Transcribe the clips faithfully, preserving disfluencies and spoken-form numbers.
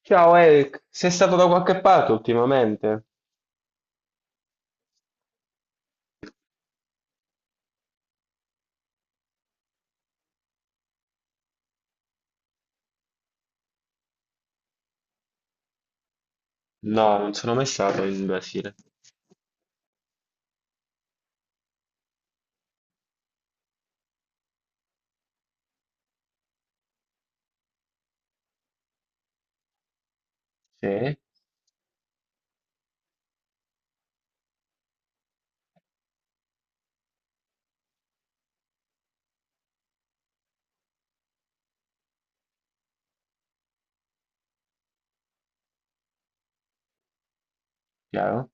Ciao Eric, sei stato da qualche parte ultimamente? No, non sono mai stato in Brasile. Sì, chiaro.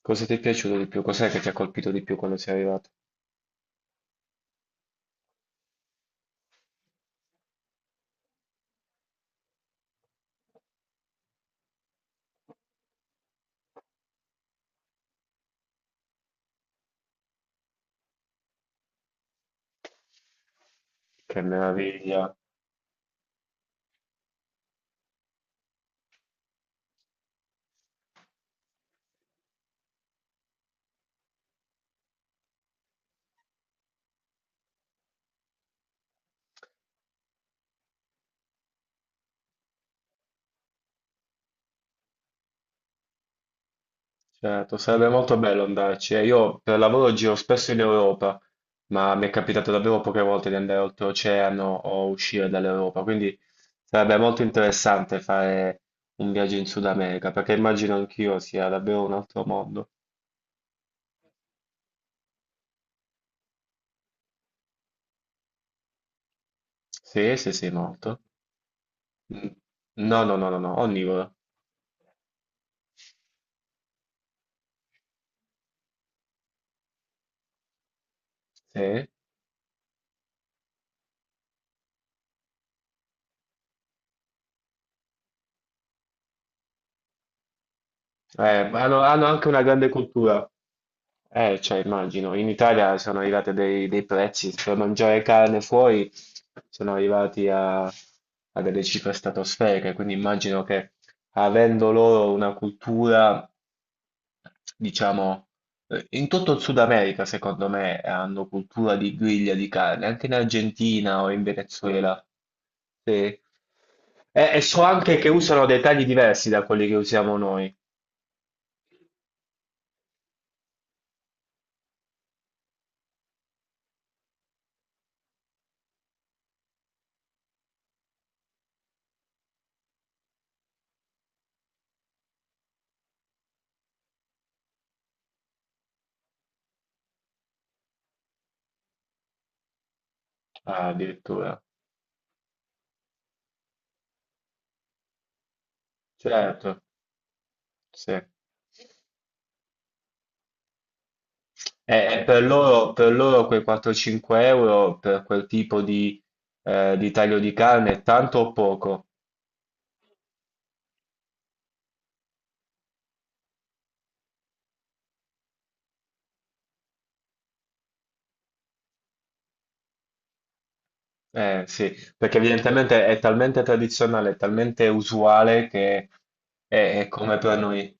Cosa ti è piaciuto di più? Cos'è che ti ha colpito di più quando sei arrivato? Che meraviglia. Certo, sarebbe molto bello andarci. Eh, Io per lavoro giro spesso in Europa, ma mi è capitato davvero poche volte di andare oltreoceano o uscire dall'Europa, quindi sarebbe molto interessante fare un viaggio in Sud America, perché immagino anch'io sia davvero un altro mondo. Sì, sì, sì, molto. Mm. No, no, no, no, no, onnivora. Sì. Eh, hanno, hanno anche una grande cultura. Eh, cioè, immagino, in Italia sono arrivati dei, dei prezzi per mangiare carne fuori, sono arrivati a, a delle cifre stratosferiche, quindi immagino che avendo loro una cultura, diciamo, eh, in tutto il Sud America, secondo me, hanno cultura di griglia di carne, anche in Argentina o in Venezuela. Sì. E, e so anche che usano dei tagli diversi da quelli che usiamo noi, ah, addirittura. Certo, sì. E, e per loro, per loro quei quattro-cinque euro per quel tipo di, eh, di taglio di carne è tanto o poco? Eh, sì, perché evidentemente è talmente tradizionale, è talmente usuale che è, è come per noi.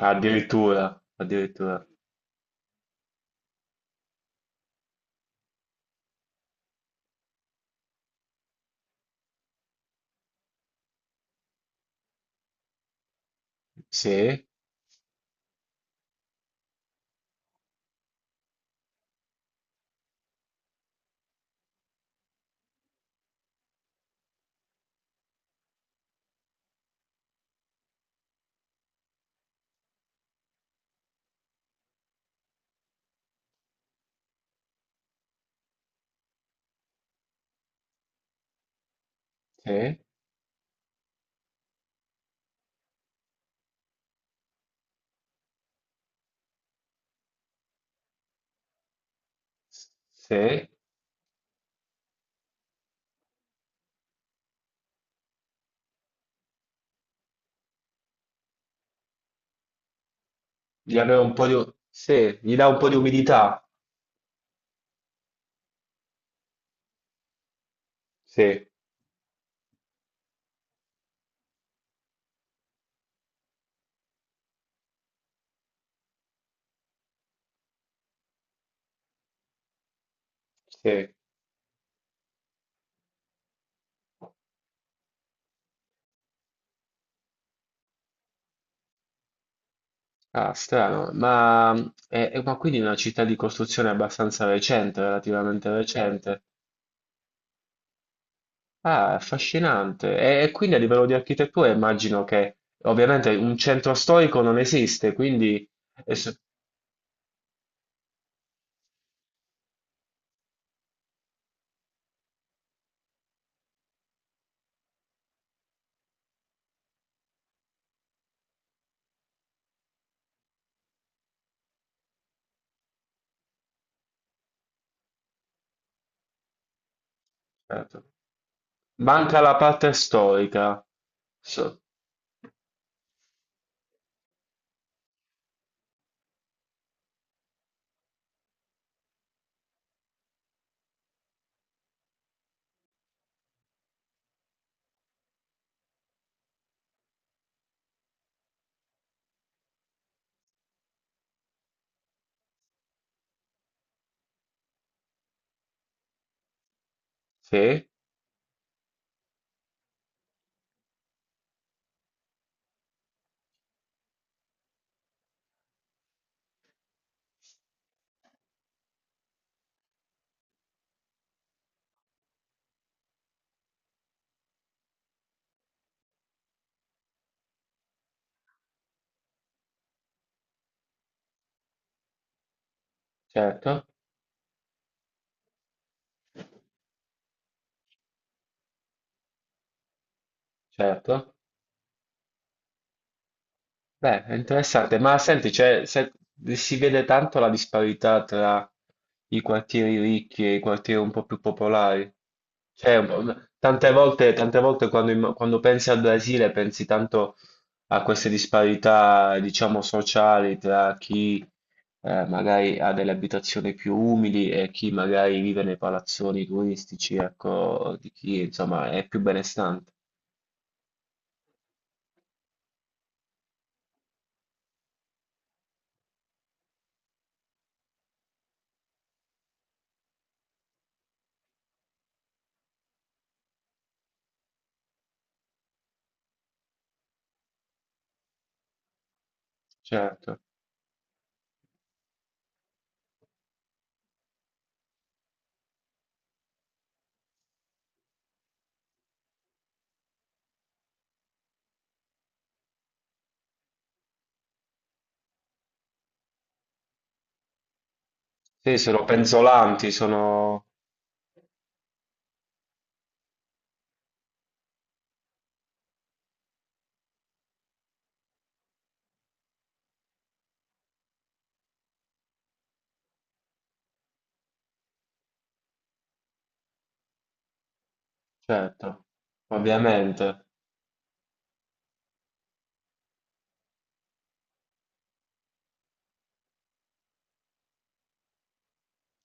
Addirittura, addirittura. Sì, sì, sì. Gli dà un po' di, sì, gli dà un po' di umidità. Sì, sì. Ah, strano. Ma, è, è- ma quindi è una città di costruzione abbastanza recente, relativamente recente. Ah, affascinante. E, e quindi a livello di architettura immagino che ovviamente un centro storico non esiste, quindi e se- certo. Manca la parte storica. So- sì, certo, certo. Beh, è interessante, ma senti, cioè, se- si vede tanto la disparità tra i quartieri ricchi e i quartieri un po' più popolari. Cioè, un po'- tante volte, tante volte quando, imm- quando pensi al Brasile pensi tanto a queste disparità, diciamo, sociali tra chi, eh, magari ha delle abitazioni più umili e chi magari vive nei palazzoni turistici, ecco, di chi insomma è più benestante. Certo. Sì, sono penzolanti, sono... Certo, ovviamente,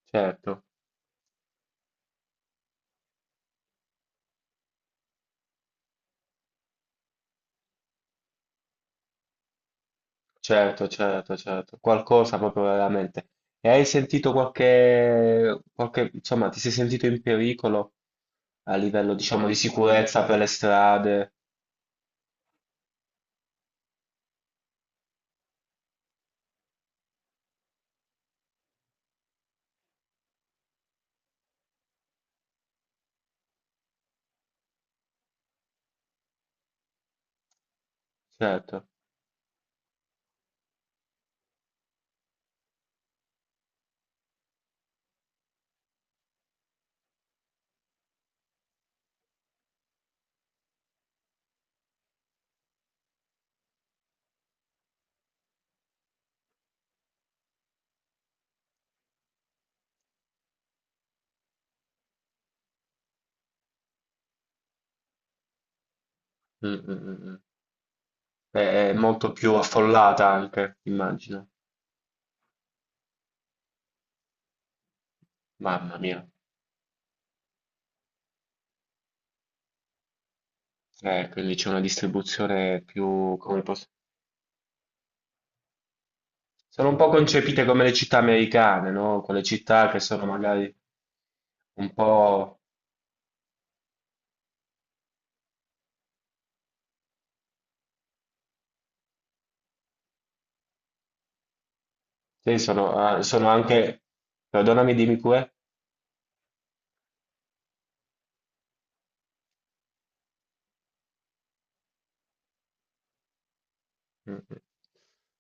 certo, certo, certo, certo, qualcosa proprio veramente. E hai sentito qualche, qualche, insomma, ti sei sentito in pericolo a livello, diciamo, di sicurezza per le strade? Certo. Mm, mm, mm, mm. È, è molto più affollata anche, immagino. Mamma mia, eh, quindi c'è una distribuzione più, come posso... Sono un po' concepite come le città americane, no? Quelle città che sono magari un po'... Sì, sono, ah, sono anche... Perdonami, dimmi pure. Mm.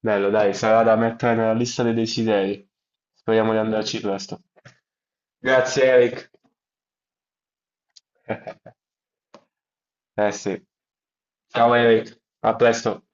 Bello, dai, sarà da mettere nella lista dei desideri. Speriamo di andarci presto. Grazie, Eric. Eh sì. Ciao, Eric. A presto.